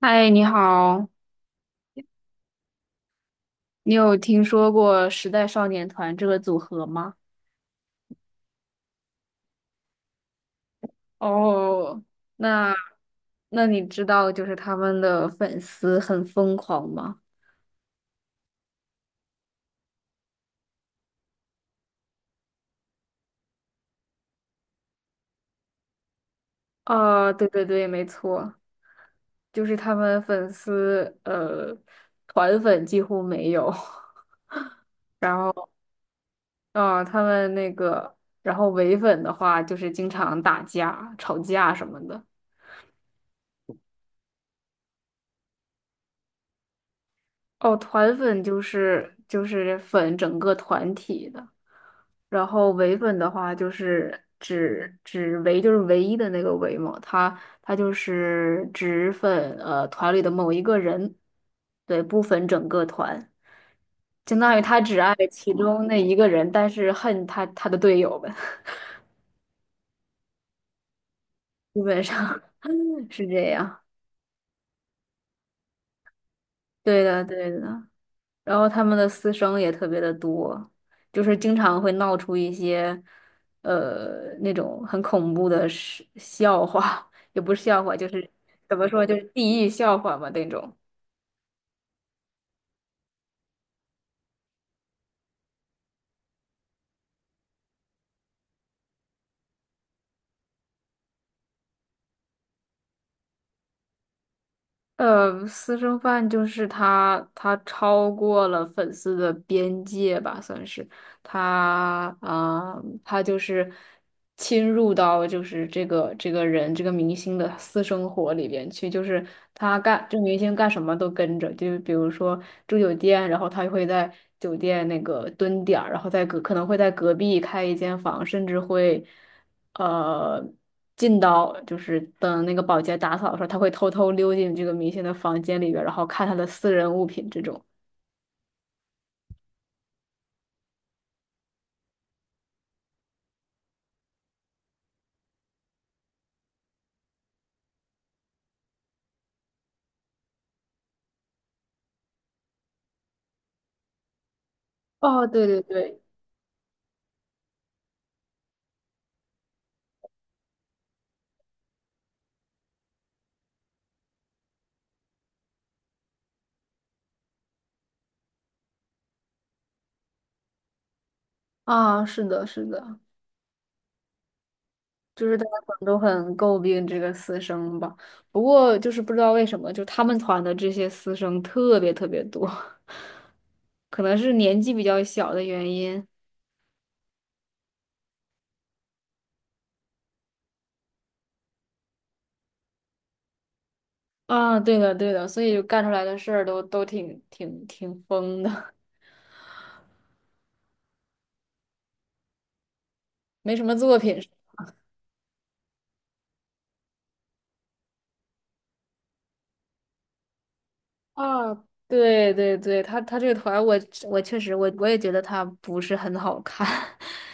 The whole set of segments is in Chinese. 嗨，你好，你有听说过时代少年团这个组合吗？哦，那那你知道他们的粉丝很疯狂吗？啊，对对对，没错，就是他们粉丝团粉几乎没有，然后啊，他们那个，然后唯粉的话就是经常打架、吵架什么的。哦，团粉就是粉整个团体的。然后唯粉的话就是唯一的那个唯嘛，他就是只粉团里的某一个人，对，不粉整个团，相当于他只爱其中那一个人，但是恨他的队友们，基本上是这样。对的，对的。然后他们的私生也特别的多，就是经常会闹出一些，那种很恐怖的事笑话，也不是笑话，就是怎么说，就是地狱笑话嘛那种。呃，私生饭就是他，他超过了粉丝的边界吧，算是他啊、他就是侵入到这个人这个明星的私生活里边去，就是他干这个明星干什么都跟着，就是比如说住酒店，然后他会在酒店那个蹲点儿，然后可能会在隔壁开一间房，甚至会。呃进到就是等那个保洁打扫的时候，他会偷偷溜进这个明星的房间里边然后看他的私人物品这种。哦，对对对，啊，是的，是的，就是大家可能都很诟病这个私生吧。不过就是不知道为什么，就他们团的这些私生特别特别多，可能是年纪比较小的原因。啊，对的对的，所以就干出来的事儿都挺疯的，没什么作品。啊，对对对，他这个团我确实我也觉得他不是很好看，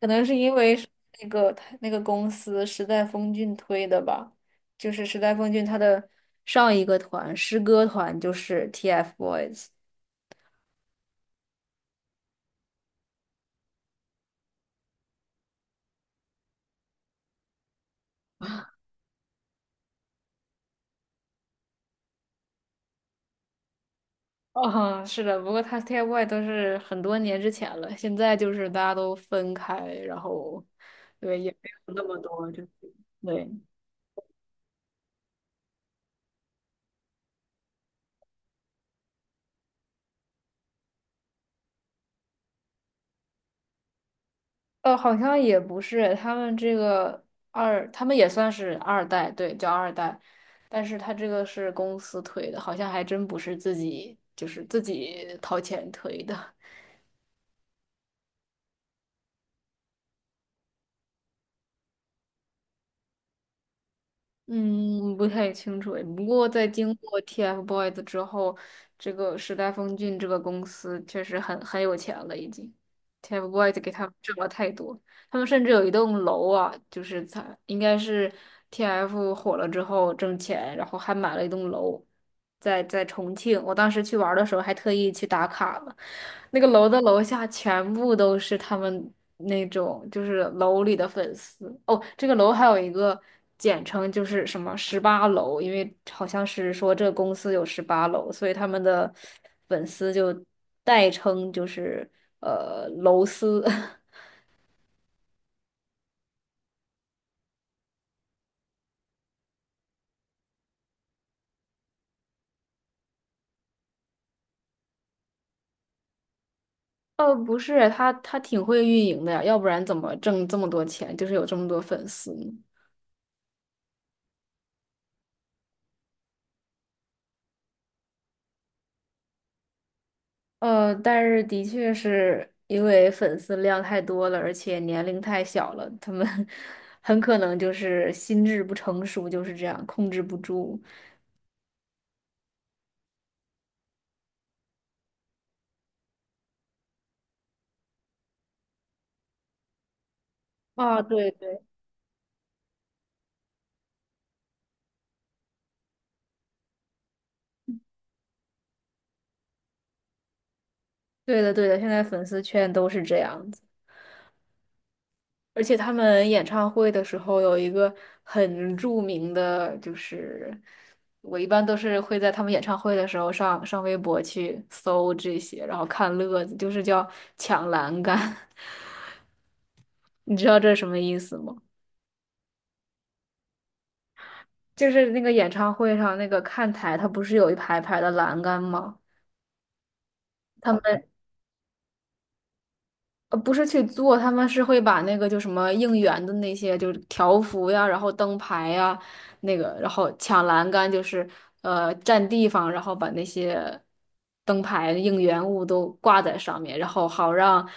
可能是因为是那个他那个公司时代峰峻推的吧，就是时代峰峻他的上一个团诗歌团就是 TFBOYS。啊，是的，不过他 TFBOYS 都是很多年之前了，现在就是大家都分开，然后对也没有那么多，就是对。呃，好像也不是，他们这个二，他们也算是二代，对，叫二代，但是他这个是公司推的，好像还真不是自己，就是自己掏钱推的。嗯，不太清楚诶。不过在经过 TFBOYS 之后，这个时代峰峻这个公司确实很有钱了，已经。TFBOYS 给他们挣了太多。他们甚至有一栋楼啊，就是才应该是 TF 火了之后挣钱，然后还买了一栋楼，在重庆。我当时去玩儿的时候还特意去打卡了，那个楼的楼下全部都是他们那种就是楼里的粉丝。哦，这个楼还有一个简称就是什么十八楼，因为好像是说这个公司有十八楼，所以他们的粉丝就代称就是楼丝。呃，不是，他他挺会运营的呀，要不然怎么挣这么多钱，就是有这么多粉丝呢但是的确是因为粉丝量太多了，而且年龄太小了，他们 很可能就是心智不成熟，就是这样控制不住。啊，对对，对的对的，现在粉丝圈都是这样子。而且他们演唱会的时候有一个很著名的，就是我一般都是会在他们演唱会的时候上微博去搜这些，然后看乐子，就是叫抢栏杆。你知道这是什么意思吗？就是那个演唱会上那个看台，它不是有一排排的栏杆吗？他们呃，不是去做，他们是会把那个就什么应援的那些，就是条幅呀，然后灯牌呀，那个，然后抢栏杆，就是占地方，然后把那些灯牌应援物都挂在上面，然后好让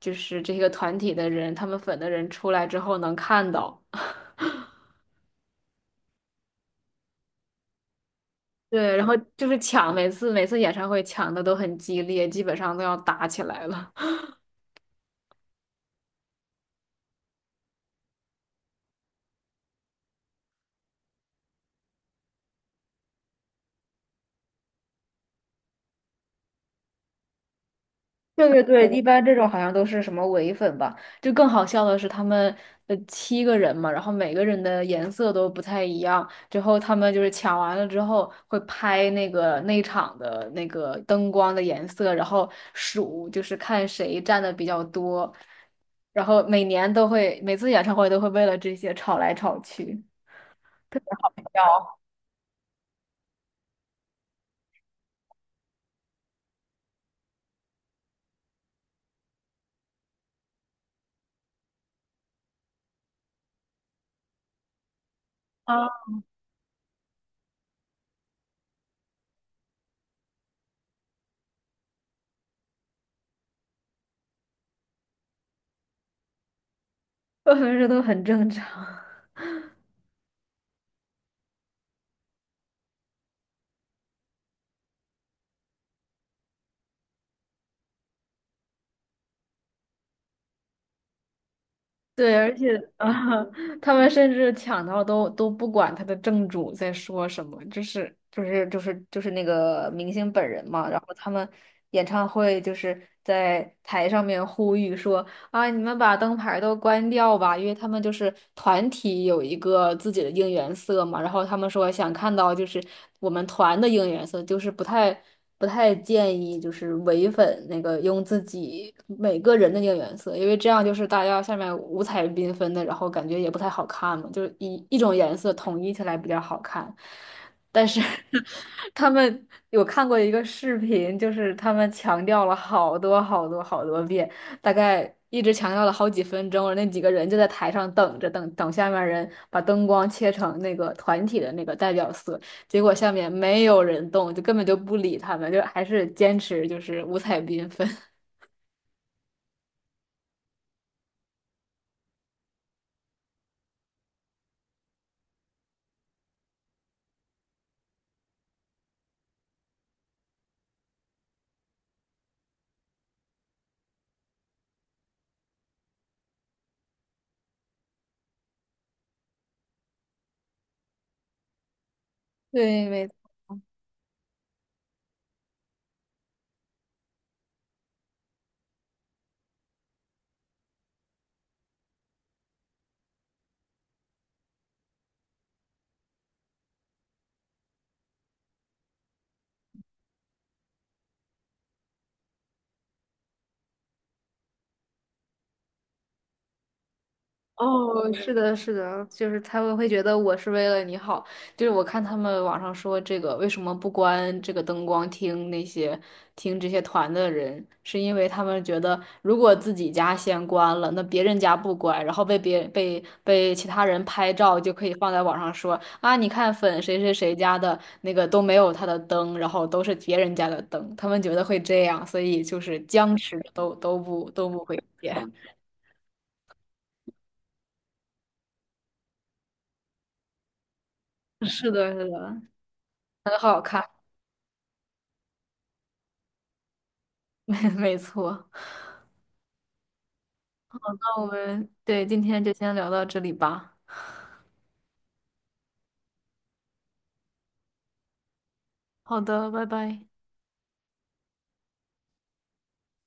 就是这个团体的人，他们粉的人出来之后能看到。对，然后就是抢，每次演唱会抢的都很激烈，基本上都要打起来了。对对对，一 般这种好像都是什么伪粉吧。就更好笑的是，他们七个人嘛，然后每个人的颜色都不太一样。之后他们就是抢完了之后会拍那个内场的那个灯光的颜色，然后数就是看谁占的比较多。然后每年都会，每次演唱会都会为了这些吵来吵去，特别搞笑，啊，我觉得都很正常。对，而且啊，他们甚至抢到都都不管他的正主在说什么，就是那个明星本人嘛。然后他们演唱会就是在台上面呼吁说啊，你们把灯牌都关掉吧，因为他们就是团体有一个自己的应援色嘛，然后他们说想看到就是我们团的应援色，不太建议就是唯粉那个用自己每个人的应援色，因为这样就是大家下面五彩缤纷的，然后感觉也不太好看嘛，就是一种颜色统一起来比较好看。但是 他们有看过一个视频，就是他们强调了好多好多好多遍。大概一直强调了好几分钟，那几个人就在台上等着，等下面人把灯光切成那个团体的那个代表色，结果下面没有人动，就根本就不理他们，就还是坚持就是五彩缤纷。对，没哦，是的，是的，就是他们会觉得我是为了你好。就是我看他们网上说这个为什么不关这个灯光听那些听这些团的人，是因为他们觉得如果自己家先关了，那别人家不关，然后被别被其他人拍照就可以放在网上说啊，你看粉谁谁谁家的那个都没有他的灯，然后都是别人家的灯，他们觉得会这样，所以就是僵持着都不会变。是的，是的，很好看。没错。那我们对今天就先聊到这里吧。好的，拜拜。